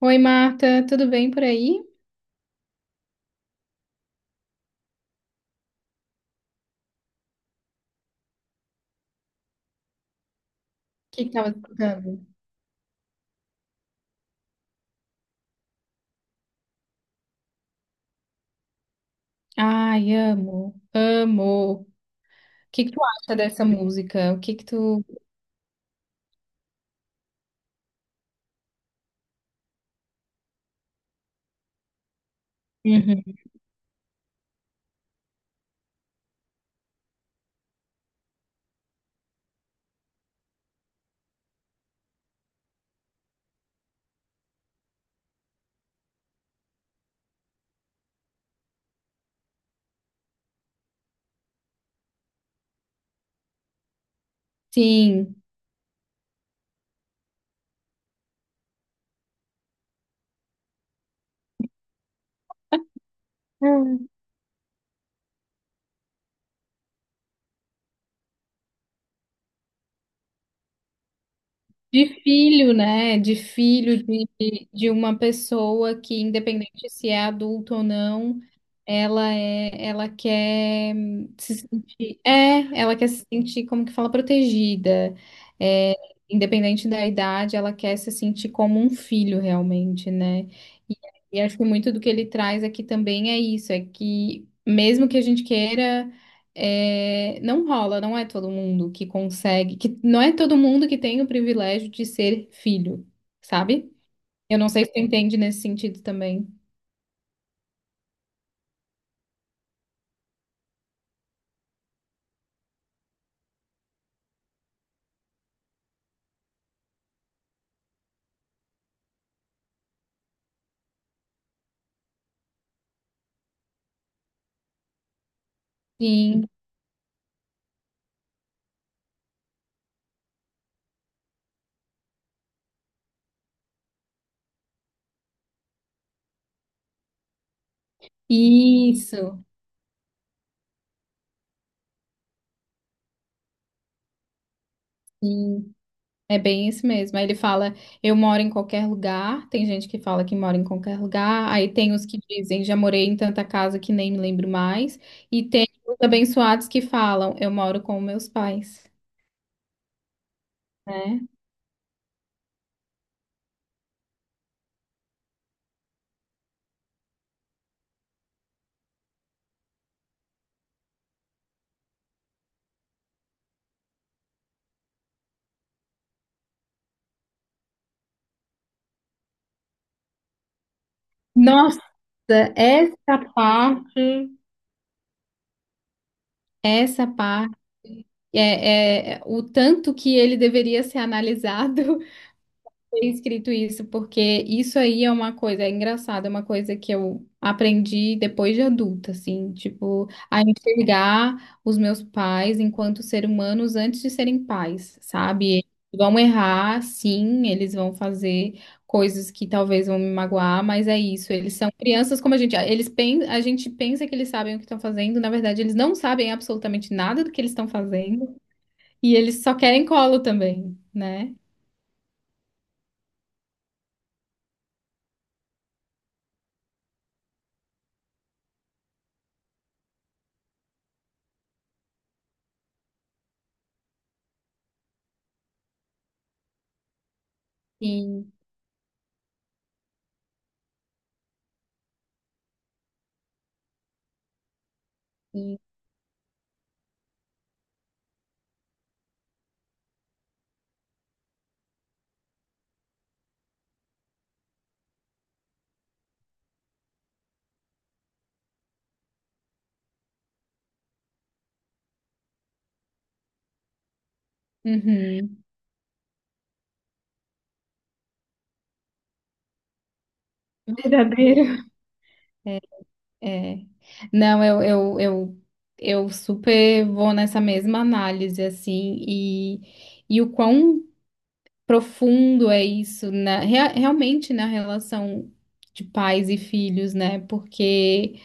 Oi, Marta, tudo bem por aí? O que que tava escutando? Ai, amo, amo. O que que tu acha dessa música? O que que tu... Uhum. Sim. De filho, né? De filho de uma pessoa que, independente se é adulto ou não, ela quer se sentir, como que fala, protegida. É, independente da idade, ela quer se sentir como um filho realmente, né? E, e acho que muito do que ele traz aqui também é isso, é que mesmo que a gente queira não rola, não é todo mundo que consegue, que não é todo mundo que tem o privilégio de ser filho, sabe? Eu não sei se tu entende nesse sentido também. Sim, isso, sim, é bem isso mesmo. Aí ele fala, eu moro em qualquer lugar, tem gente que fala que mora em qualquer lugar, aí tem os que dizem, já morei em tanta casa que nem me lembro mais, e tem os abençoados que falam, eu moro com meus pais, né? Nossa, essa parte. Essa parte é o tanto que ele deveria ser analisado tem escrito isso, porque isso aí é uma coisa, é engraçado, é uma coisa que eu aprendi depois de adulta, assim, tipo, a enxergar os meus pais enquanto ser humanos antes de serem pais, sabe? Eles vão errar, sim, eles vão fazer coisas que talvez vão me magoar, mas é isso, eles são crianças como a gente, a gente pensa que eles sabem o que estão fazendo, na verdade, eles não sabem absolutamente nada do que eles estão fazendo, e eles só querem colo também, né? Sim, sim. Uhum. Verdadeiro. É. Não, eu super vou nessa mesma análise, assim, e o quão profundo é isso realmente na relação de pais e filhos, né? Porque,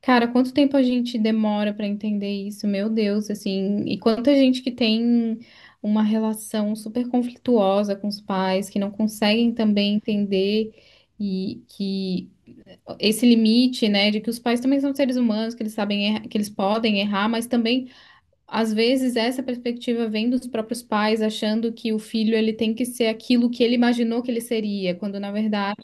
cara, quanto tempo a gente demora para entender isso, meu Deus, assim, e quanta gente que tem uma relação super conflituosa com os pais, que não conseguem também entender. E que esse limite, né, de que os pais também são seres humanos, que eles sabem, que eles podem errar, mas também, às vezes, essa perspectiva vem dos próprios pais, achando que o filho, ele tem que ser aquilo que ele imaginou que ele seria, quando, na verdade,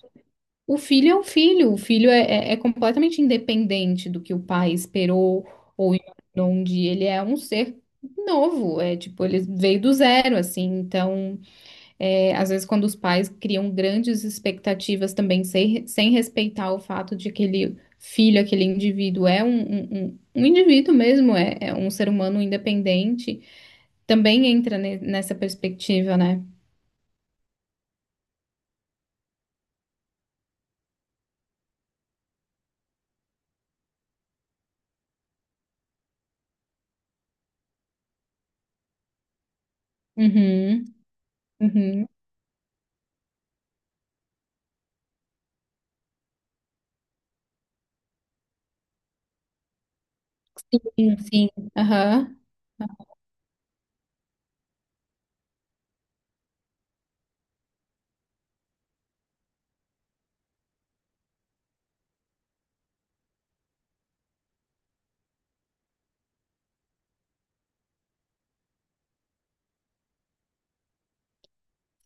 o filho é um filho, o filho é completamente independente do que o pai esperou ou imaginou um dia, ele é um ser novo, é tipo, ele veio do zero, assim, então... É, às vezes, quando os pais criam grandes expectativas também, sem, sem respeitar o fato de aquele filho, aquele indivíduo é um indivíduo mesmo, é um ser humano independente, também entra nessa perspectiva, né? Uhum, uhum. Sim, sim. Aham.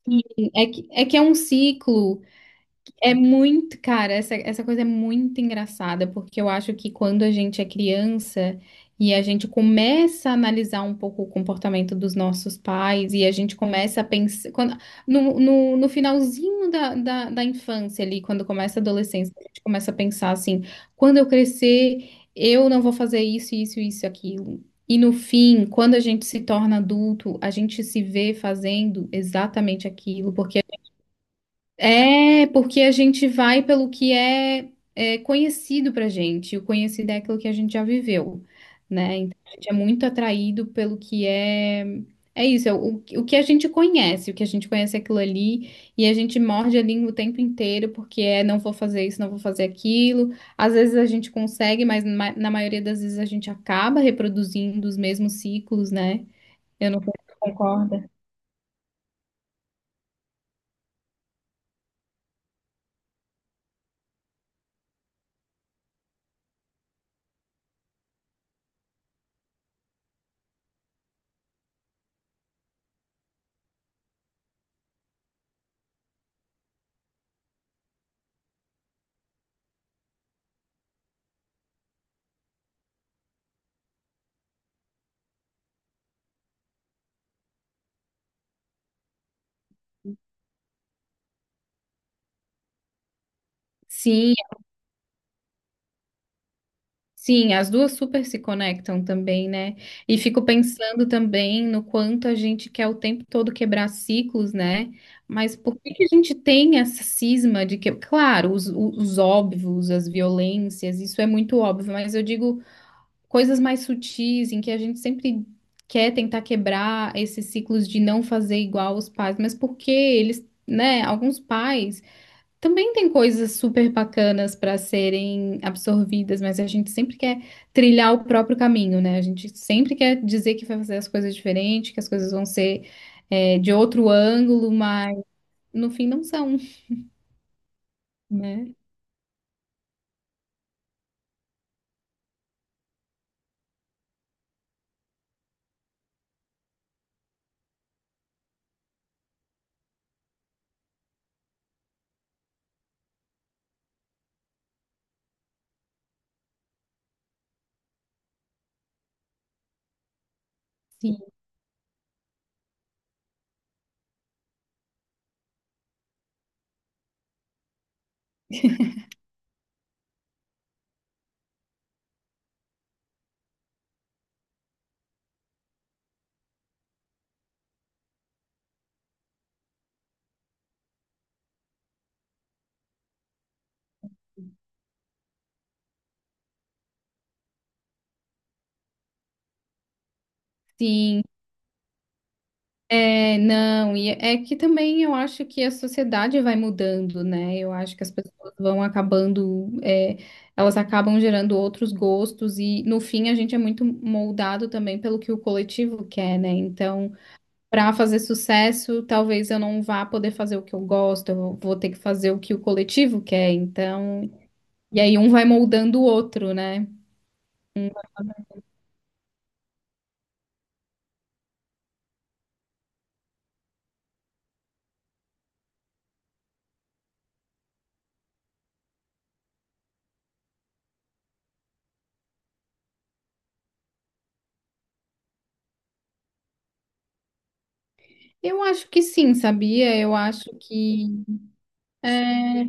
Sim, é que é um ciclo. É muito, cara, essa coisa é muito engraçada, porque eu acho que quando a gente é criança e a gente começa a analisar um pouco o comportamento dos nossos pais e a gente começa a pensar. Quando, no finalzinho da infância ali, quando começa a adolescência, a gente começa a pensar assim: quando eu crescer, eu não vou fazer isso, isso, isso, aquilo. E no fim, quando a gente se torna adulto, a gente se vê fazendo exatamente aquilo, porque porque a gente vai pelo que é conhecido pra gente. E o conhecido é aquilo que a gente já viveu, né? Então, a gente é muito atraído pelo que é. É isso, é o que a gente conhece, o que a gente conhece é aquilo ali, e a gente morde a língua o tempo inteiro, porque é não vou fazer isso, não vou fazer aquilo. Às vezes a gente consegue, mas na maioria das vezes a gente acaba reproduzindo os mesmos ciclos, né? Eu não sei se você concorda. Sim, sim, as duas super se conectam também, né? E fico pensando também no quanto a gente quer o tempo todo quebrar ciclos, né? Mas por que que a gente tem essa cisma de que, claro, os óbvios, as violências, isso é muito óbvio, mas eu digo coisas mais sutis em que a gente sempre quer tentar quebrar esses ciclos de não fazer igual os pais, mas por que eles, né? Alguns pais. Também tem coisas super bacanas para serem absorvidas, mas a gente sempre quer trilhar o próprio caminho, né? A gente sempre quer dizer que vai fazer as coisas diferentes, que as coisas vão ser, é, de outro ângulo, mas no fim não são, né? Sim, sim. É, não, e é que também eu acho que a sociedade vai mudando, né? Eu acho que as pessoas vão acabando, é, elas acabam gerando outros gostos, e no fim a gente é muito moldado também pelo que o coletivo quer, né? Então. Para fazer sucesso, talvez eu não vá poder fazer o que eu gosto, eu vou ter que fazer o que o coletivo quer, então. E aí um vai moldando o outro, né? Eu acho que sim, sabia? Eu acho que é,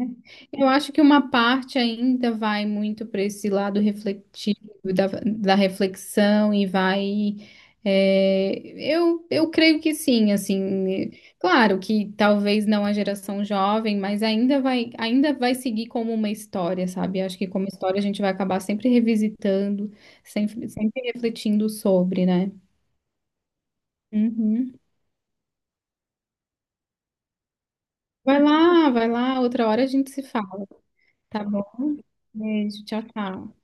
eu acho que uma parte ainda vai muito para esse lado refletivo da reflexão e vai. é, eu creio que sim, assim, claro que talvez não a geração jovem, mas ainda vai seguir como uma história, sabe? Acho que como história a gente vai acabar sempre revisitando, sempre, sempre refletindo sobre, né? Uhum. Vai lá, outra hora a gente se fala, tá bom? Beijo, tchau, tchau.